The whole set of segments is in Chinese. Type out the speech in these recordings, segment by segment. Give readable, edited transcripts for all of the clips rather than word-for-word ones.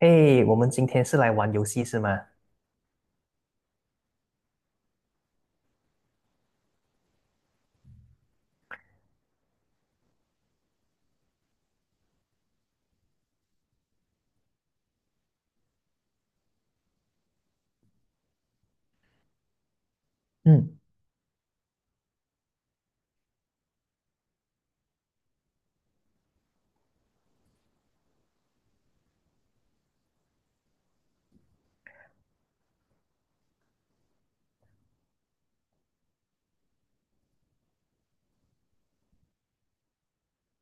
诶，我们今天是来玩游戏是吗？嗯，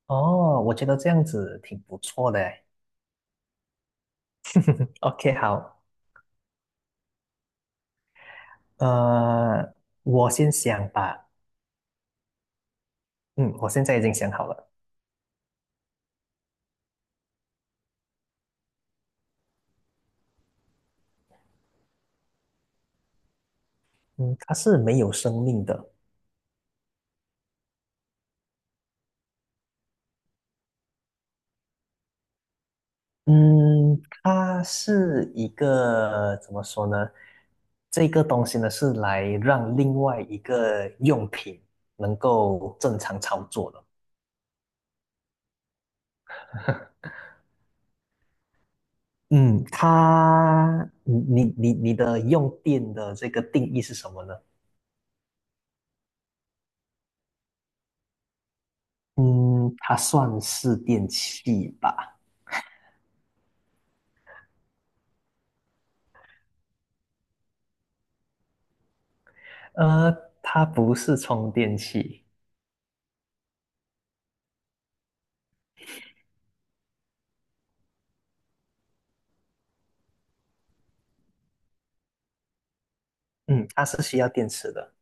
哦，我觉得这样子挺不错的诶。OK，好，呃，我先想吧。嗯，我现在已经想好了。嗯，它是没有生命的。嗯，它是一个，怎么说呢？这个东西呢，是来让另外一个用品能够正常操作的 嗯，你用电的这个定义是什么呢？嗯，它算是电器吧？呃，它不是充电器。嗯，它是需要电池的。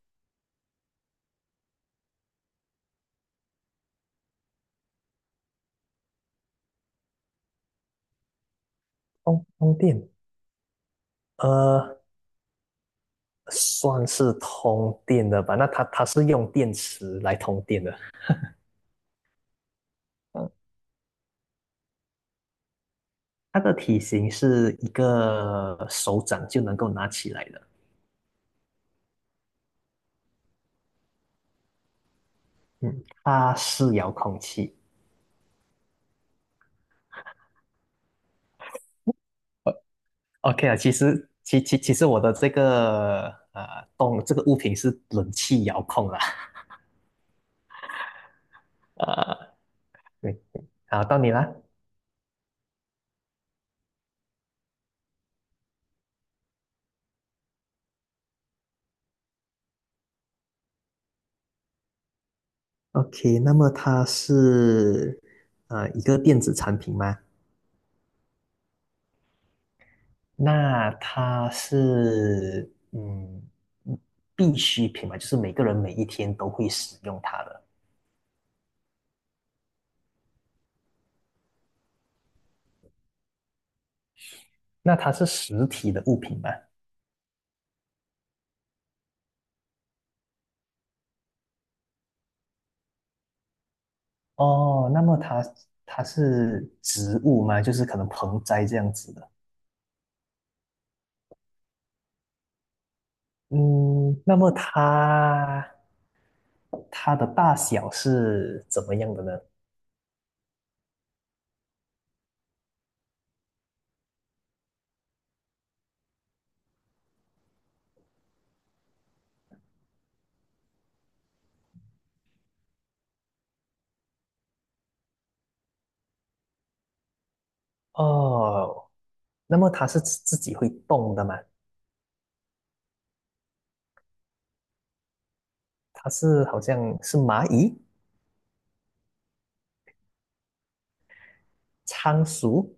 通电，呃，算是通电的吧？那它是用电池来通电的。嗯，它的体型是一个手掌就能够拿起来的。嗯。它是遥控器。O- OK 啊，其实我的这个呃动这个物品是冷气遥控啦。呃，对，好，到你啦。OK,那么它是一个电子产品吗？那它是必需品嘛，就是每个人每一天都会使用它的。那它是实体的物品吗？哦，那么它是植物吗？就是可能盆栽这样子的。嗯，那么它的大小是怎么样的呢？哦，那么它是自己会动的吗？它是好像是蚂蚁？仓鼠。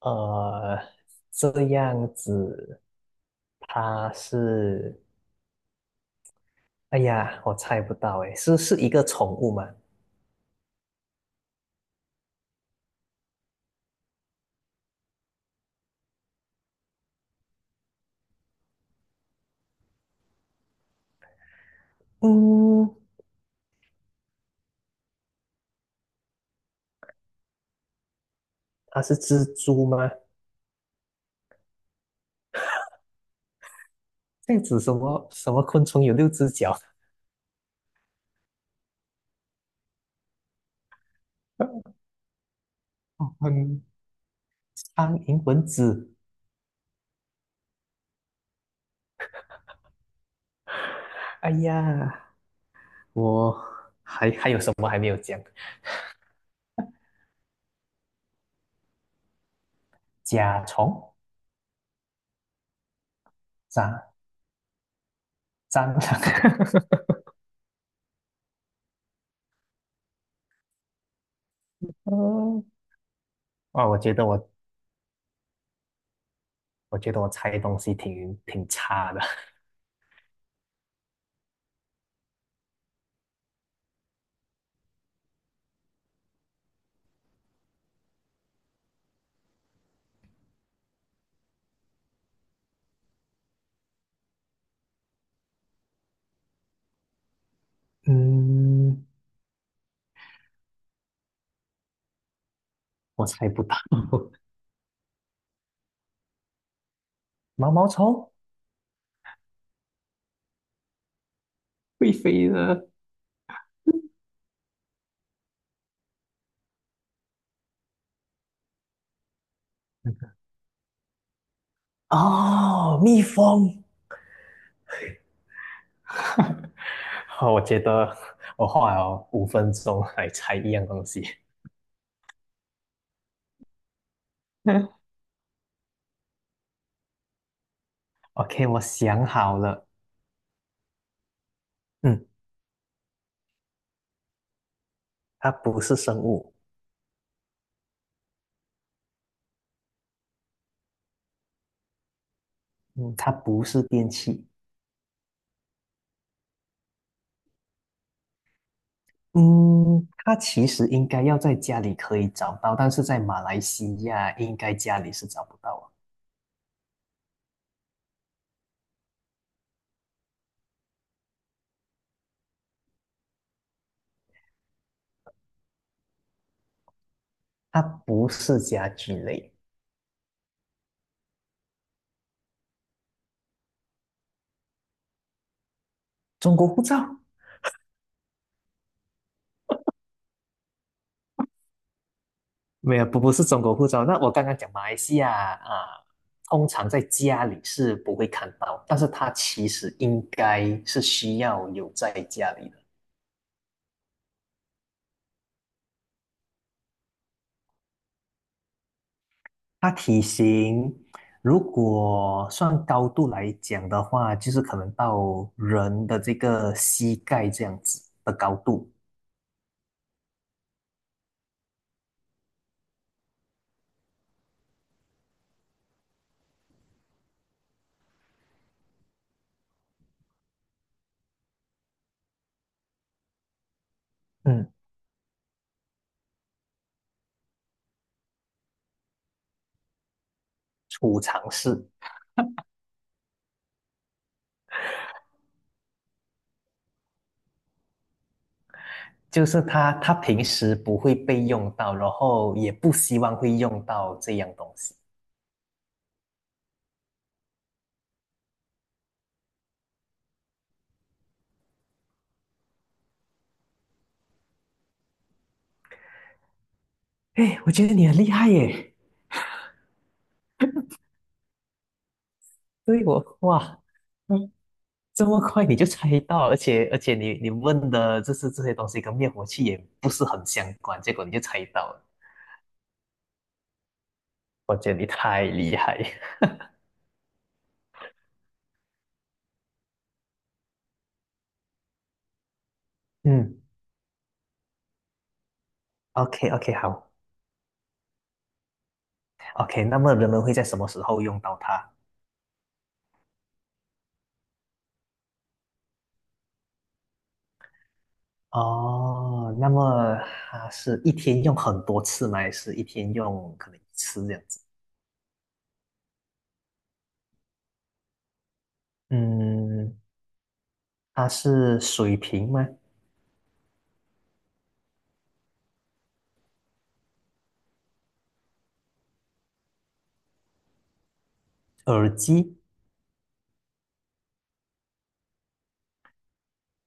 呃，这样子，它是，哎呀，我猜不到，哎，是一个宠物吗？嗯，它是蜘蛛吗？这样子什么昆虫有六只脚？哦，很苍蝇、蚊子。哎呀，我还有什么还没有讲？甲虫、蟑蟑螂。嗯，哇，我觉得我猜东西挺差的。嗯，我猜不到。毛毛虫？会飞的。哦，蜜蜂。好，我觉得我花了5分钟来猜一样东西。OK,我想好了。嗯，它不是生物。嗯，它不是电器。嗯，它其实应该要在家里可以找到，但是在马来西亚应该家里是找不到啊。它不是家具类。中国护照？没有，不是中国护照。那我刚刚讲马来西亚啊，通常在家里是不会看到，但是它其实应该是需要有在家里的。它体型如果算高度来讲的话，就是可能到人的这个膝盖这样子的高度。嗯，储藏室。就是它平时不会被用到，然后也不希望会用到这样东西。哎，我觉得你很厉害耶！对，我哇，嗯，这么快你就猜到，而且 而且你问的就是这些东西跟灭火器也不是很相关，结果你就猜到了，我觉得你太厉害。嗯，OK OK, 好，OK,那么人们会在什么时候用到它？哦，那么它是一天用很多次吗？还是一天用可能一次这样子？嗯，它是水瓶吗？耳机、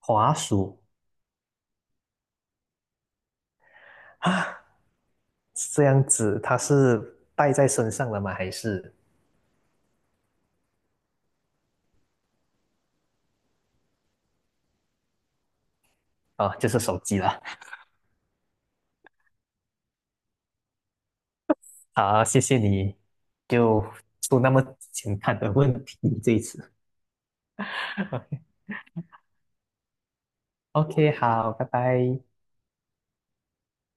滑鼠？啊？这样子它是带在身上的吗？还是啊，就是手机了。好，谢谢你，就出那么简单的问题这一次。OK,好，拜拜。